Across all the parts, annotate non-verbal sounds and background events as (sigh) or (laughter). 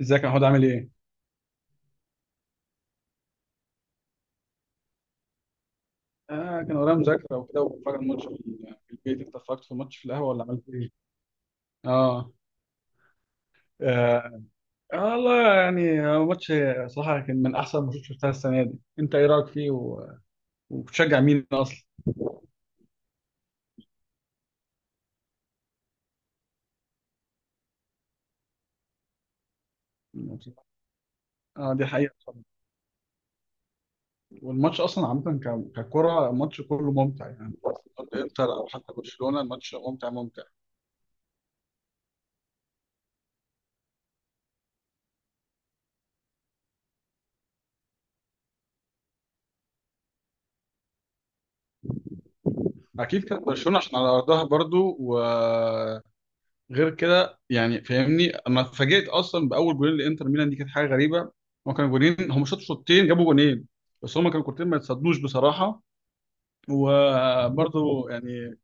ازيك يا محمود عامل ايه؟ كان ورايا مذاكرة وكده وبتفرج على الماتش في البيت. انت اتفرجت في الماتش في القهوة ولا عملت ايه؟ اه. آه والله يعني هو ماتش. صراحة كان من أحسن الماتشات اللي شفتها السنة دي. أنت إيه رأيك فيه وبتشجع مين أصلا؟ اه، دي حقيقة بصراحة. والماتش أصلا عامة ككرة، الماتش كله ممتع يعني. ضد إنتر أو حتى برشلونة، الماتش ممتع ممتع. أكيد كانت برشلونة عشان على أرضها برضو. غير كده يعني فاهمني، اما اتفاجئت اصلا باول جولين لانتر ميلان، دي كانت حاجه غريبه. هما كانوا جولين، هم شاطوا شوطين جابوا جولين. بس هما كانوا كورتين ما يتصدوش بصراحه. وبرضه يعني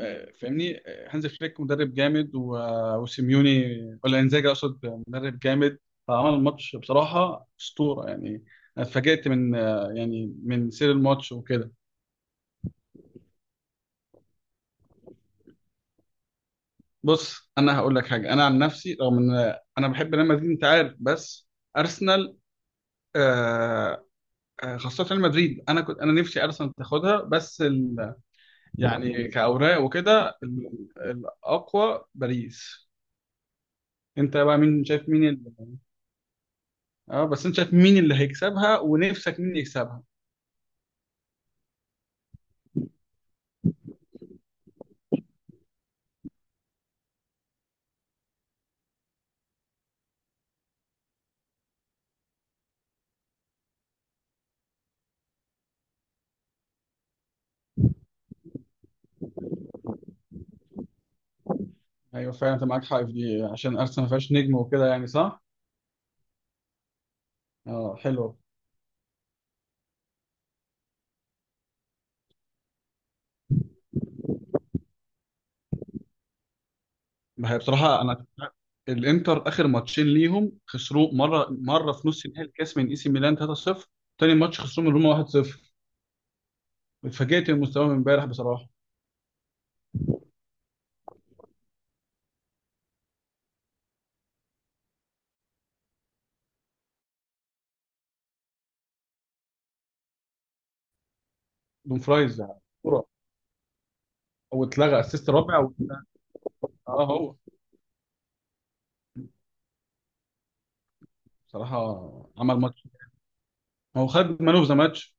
فاهمني. هانز فليك مدرب جامد وسيميوني، ولا انزاجي اقصد، مدرب جامد. فعمل الماتش بصراحه اسطوره يعني. انا اتفاجئت من يعني من سير الماتش وكده. بص، انا هقول لك حاجه. انا عن نفسي رغم ان انا بحب ريال مدريد انت عارف، بس ارسنال. آه، خاصة ريال مدريد، أنا كنت أنا نفسي أرسنال تاخدها، بس يعني كأوراق وكده الأقوى باريس. أنت بقى مين شايف، مين أه بس أنت شايف مين اللي هيكسبها، ونفسك مين يكسبها؟ أيوه فعلا، أنت معاك حق في دي عشان أرسنال ما فيهاش نجم وكده يعني صح؟ أه حلوة. ما هي بصراحة أنا، الانتر اخر ماتشين ليهم خسروه مره في نص نهائي الكاس من اي سي ميلان 3-0. تاني ماتش خسروه من روما 1-0. اتفاجئت من مستواهم امبارح بصراحه. دومفرايز يعني. واتلغى اسيست رابع اه هو بصراحه عمل ماتش. هو خد مان اوف ذا ماتش.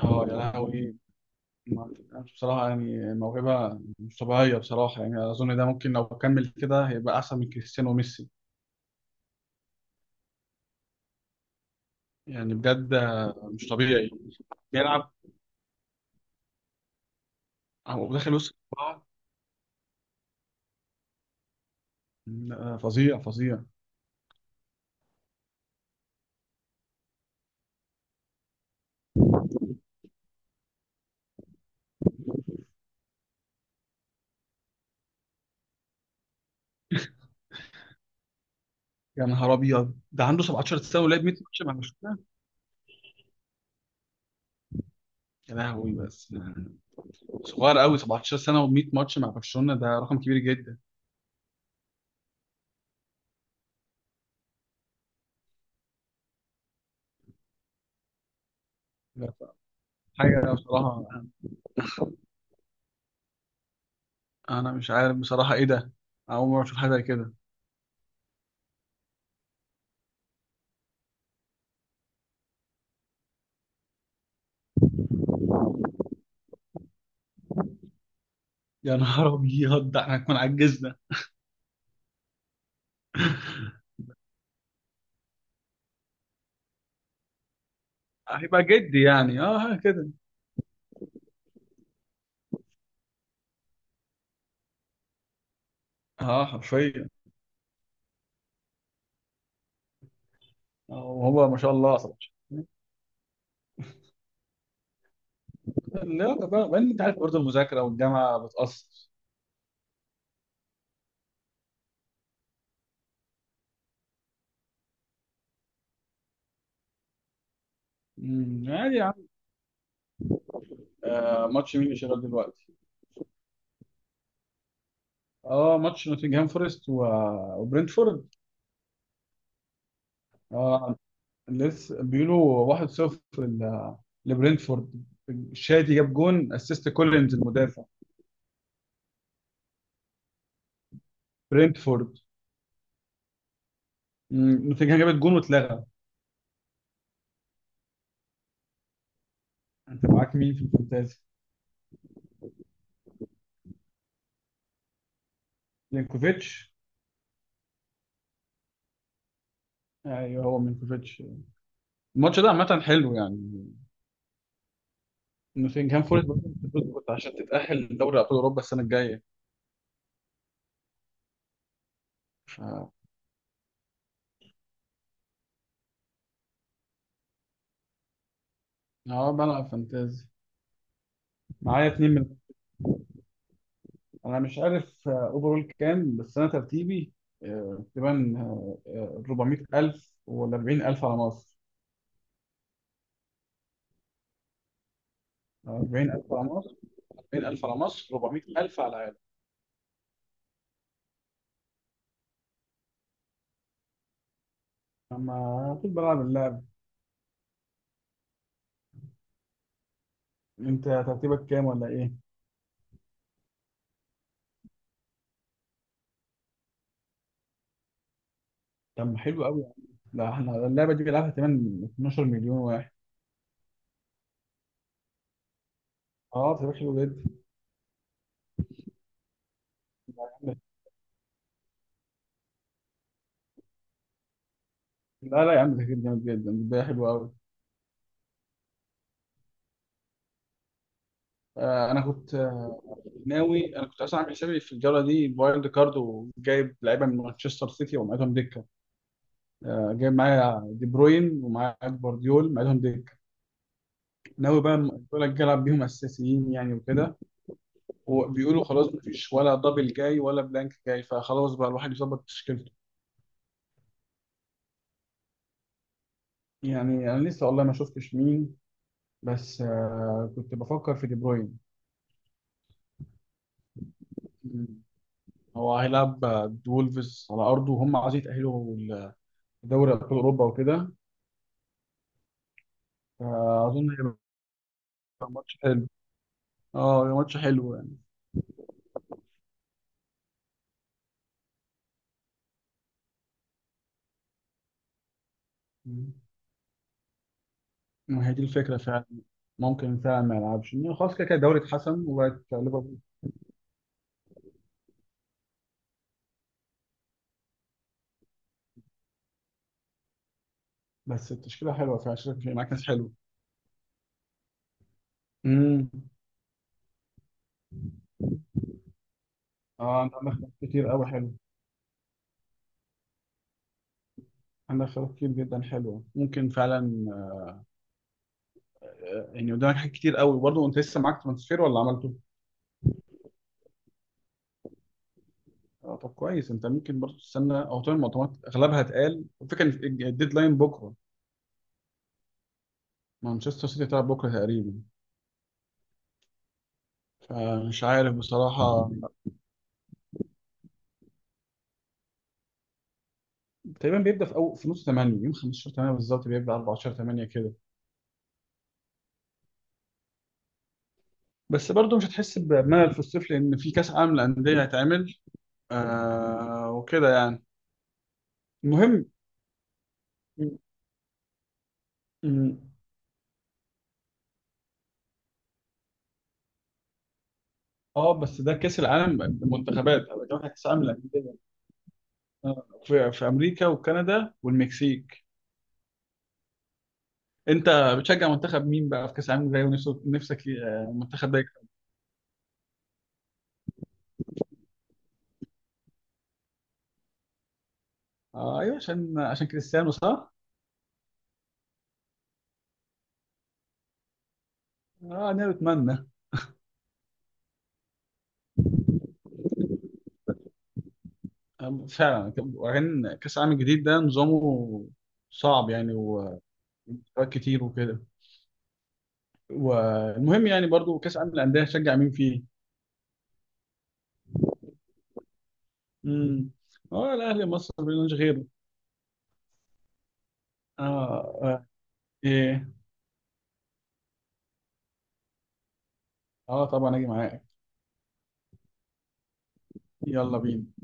اه يا لهوي! بصراحه يعني موهبه مش طبيعيه بصراحه يعني. اظن ده ممكن لو كمل كده هيبقى احسن من كريستيانو وميسي. يعني بجد مش طبيعي. بيلعب هو داخل وسط الاربعه. فظيع فظيع. يا نهار ابيض، ده عنده 17 سنه ولعب 100 ماتش مع برشلونه! يا لهوي بس، صغير قوي، 17 سنه و100 ماتش مع برشلونه، ده رقم كبير جدا. حاجه بصراحه. انا مش عارف بصراحه ايه ده. اول مره اشوف حاجه زي كده. (laughs) يا نهار ابيض، ده احنا هنكون عجزنا. هيبقى جدي يعني، اه، ها كده. اه حرفيا. وهو ما شاء الله 17. لا ده بقى انت عارف برضه المذاكره والجامعه بتاثر. عادي يا عم. ماتش مين اللي شغال دلوقتي؟ اه، ماتش نوتنجهام فورست وبرنتفورد. اه لسه بيقولوا 1-0 لبرنتفورد. الشادي جاب جون، اسيست كولينز المدافع. برنتفورد. نوتنجهام جابت جون واتلغى. انت معاك مين في الفانتازي؟ لينكوفيتش. ايوه، هو مينكوفيتش. الماتش ده عامة حلو يعني. نوتنجهام فورست برضه بتفوز عشان تتأهل لدوري أبطال أوروبا السنة الجاية. ف اه بلعب فانتازي. معايا اتنين من، انا مش عارف اوفرول كام، بس انا ترتيبي تقريبا 400,000 ولا 40,000 على مصر. 40,000 على مصر، 400,000 على العالم. اما طول بلعب اللعب. انت ترتيبك كام ولا ايه؟ طب ما حلو قوي يعني. لا، احنا اللعبه دي بيلعبها كمان 12 مليون واحد. اه طب حلو جدا. يا عم. لا لا يا عم، ده كده جامد جدا، ده حلو قوي. آه انا كنت آه، ناوي. انا كنت اصلا عامل حسابي في الجوله دي وايلد كارد وجايب لعيبه من مانشستر سيتي ومعيدهم دكه. جايب معايا دي بروين ومعايا جوارديول معايدهم دكه. ناوي بقى الجوله الجايه العب بيهم اساسيين يعني وكده. وبيقولوا خلاص مفيش ولا دبل جاي ولا بلانك جاي، فخلاص بقى الواحد يظبط تشكيلته. يعني انا لسه والله ما شفتش مين، بس كنت بفكر في دي بروين. هو هيلعب وولفز على ارضه وهم عايزين يتاهلوا لدوري ابطال اوروبا وكده. فاظن هيبقى ماتش حلو. اه هيبقى ماتش حلو يعني. مم. ما هي دي الفكره فعلا. ممكن فعلا ما يلعبش، إنه خلاص كده كده الدوري اتحسم وبقت ليفربول. بس التشكيله حلوه فعلا، شايف في معاك ناس حلو. امم. اه انت عندك خيارات كتير قوي، حلو. عندك خيارات كتير جدا حلوه، ممكن فعلا. يعني قدامك حاجات كتير قوي برضه. انت لسه معاك ترانسفير ولا عملته؟ طب كويس. انت ممكن برضه تستنى او تعمل مؤتمرات. اغلبها اتقال، الفكره ان الديدلاين بكره. مانشستر سيتي هتلعب بكره تقريبا. فمش عارف بصراحه. (laughs) تقريبا بيبدا في، أو في نص 8، يوم 15 8 بالظبط، بيبدا 14 8 كده. بس برضه مش هتحس بملل في الصيف، لان في كاس عالم للانديه هيتعمل وكده يعني. المهم، م- م- اه بس ده كاس العالم المنتخبات او كاس العالم للانديه؟ في امريكا وكندا والمكسيك. انت بتشجع منتخب مين بقى في كاس العالم الجاي، ونفسك نفسك ي- آه، المنتخب ده يكسب؟ آه ايوه، عشان كريستيانو صح؟ اه انا بتمنى. فعلا. وبعدين كاس العالم الجديد ده نظامه صعب يعني، ومستويات كتير وكده. والمهم يعني برضو كاس العالم للانديه، هتشجع مين فيه؟ امم. اه الاهلي، مصر ملوش غيره. اه اه. ايه. اه طبعا، اجي معاك. يلا بينا.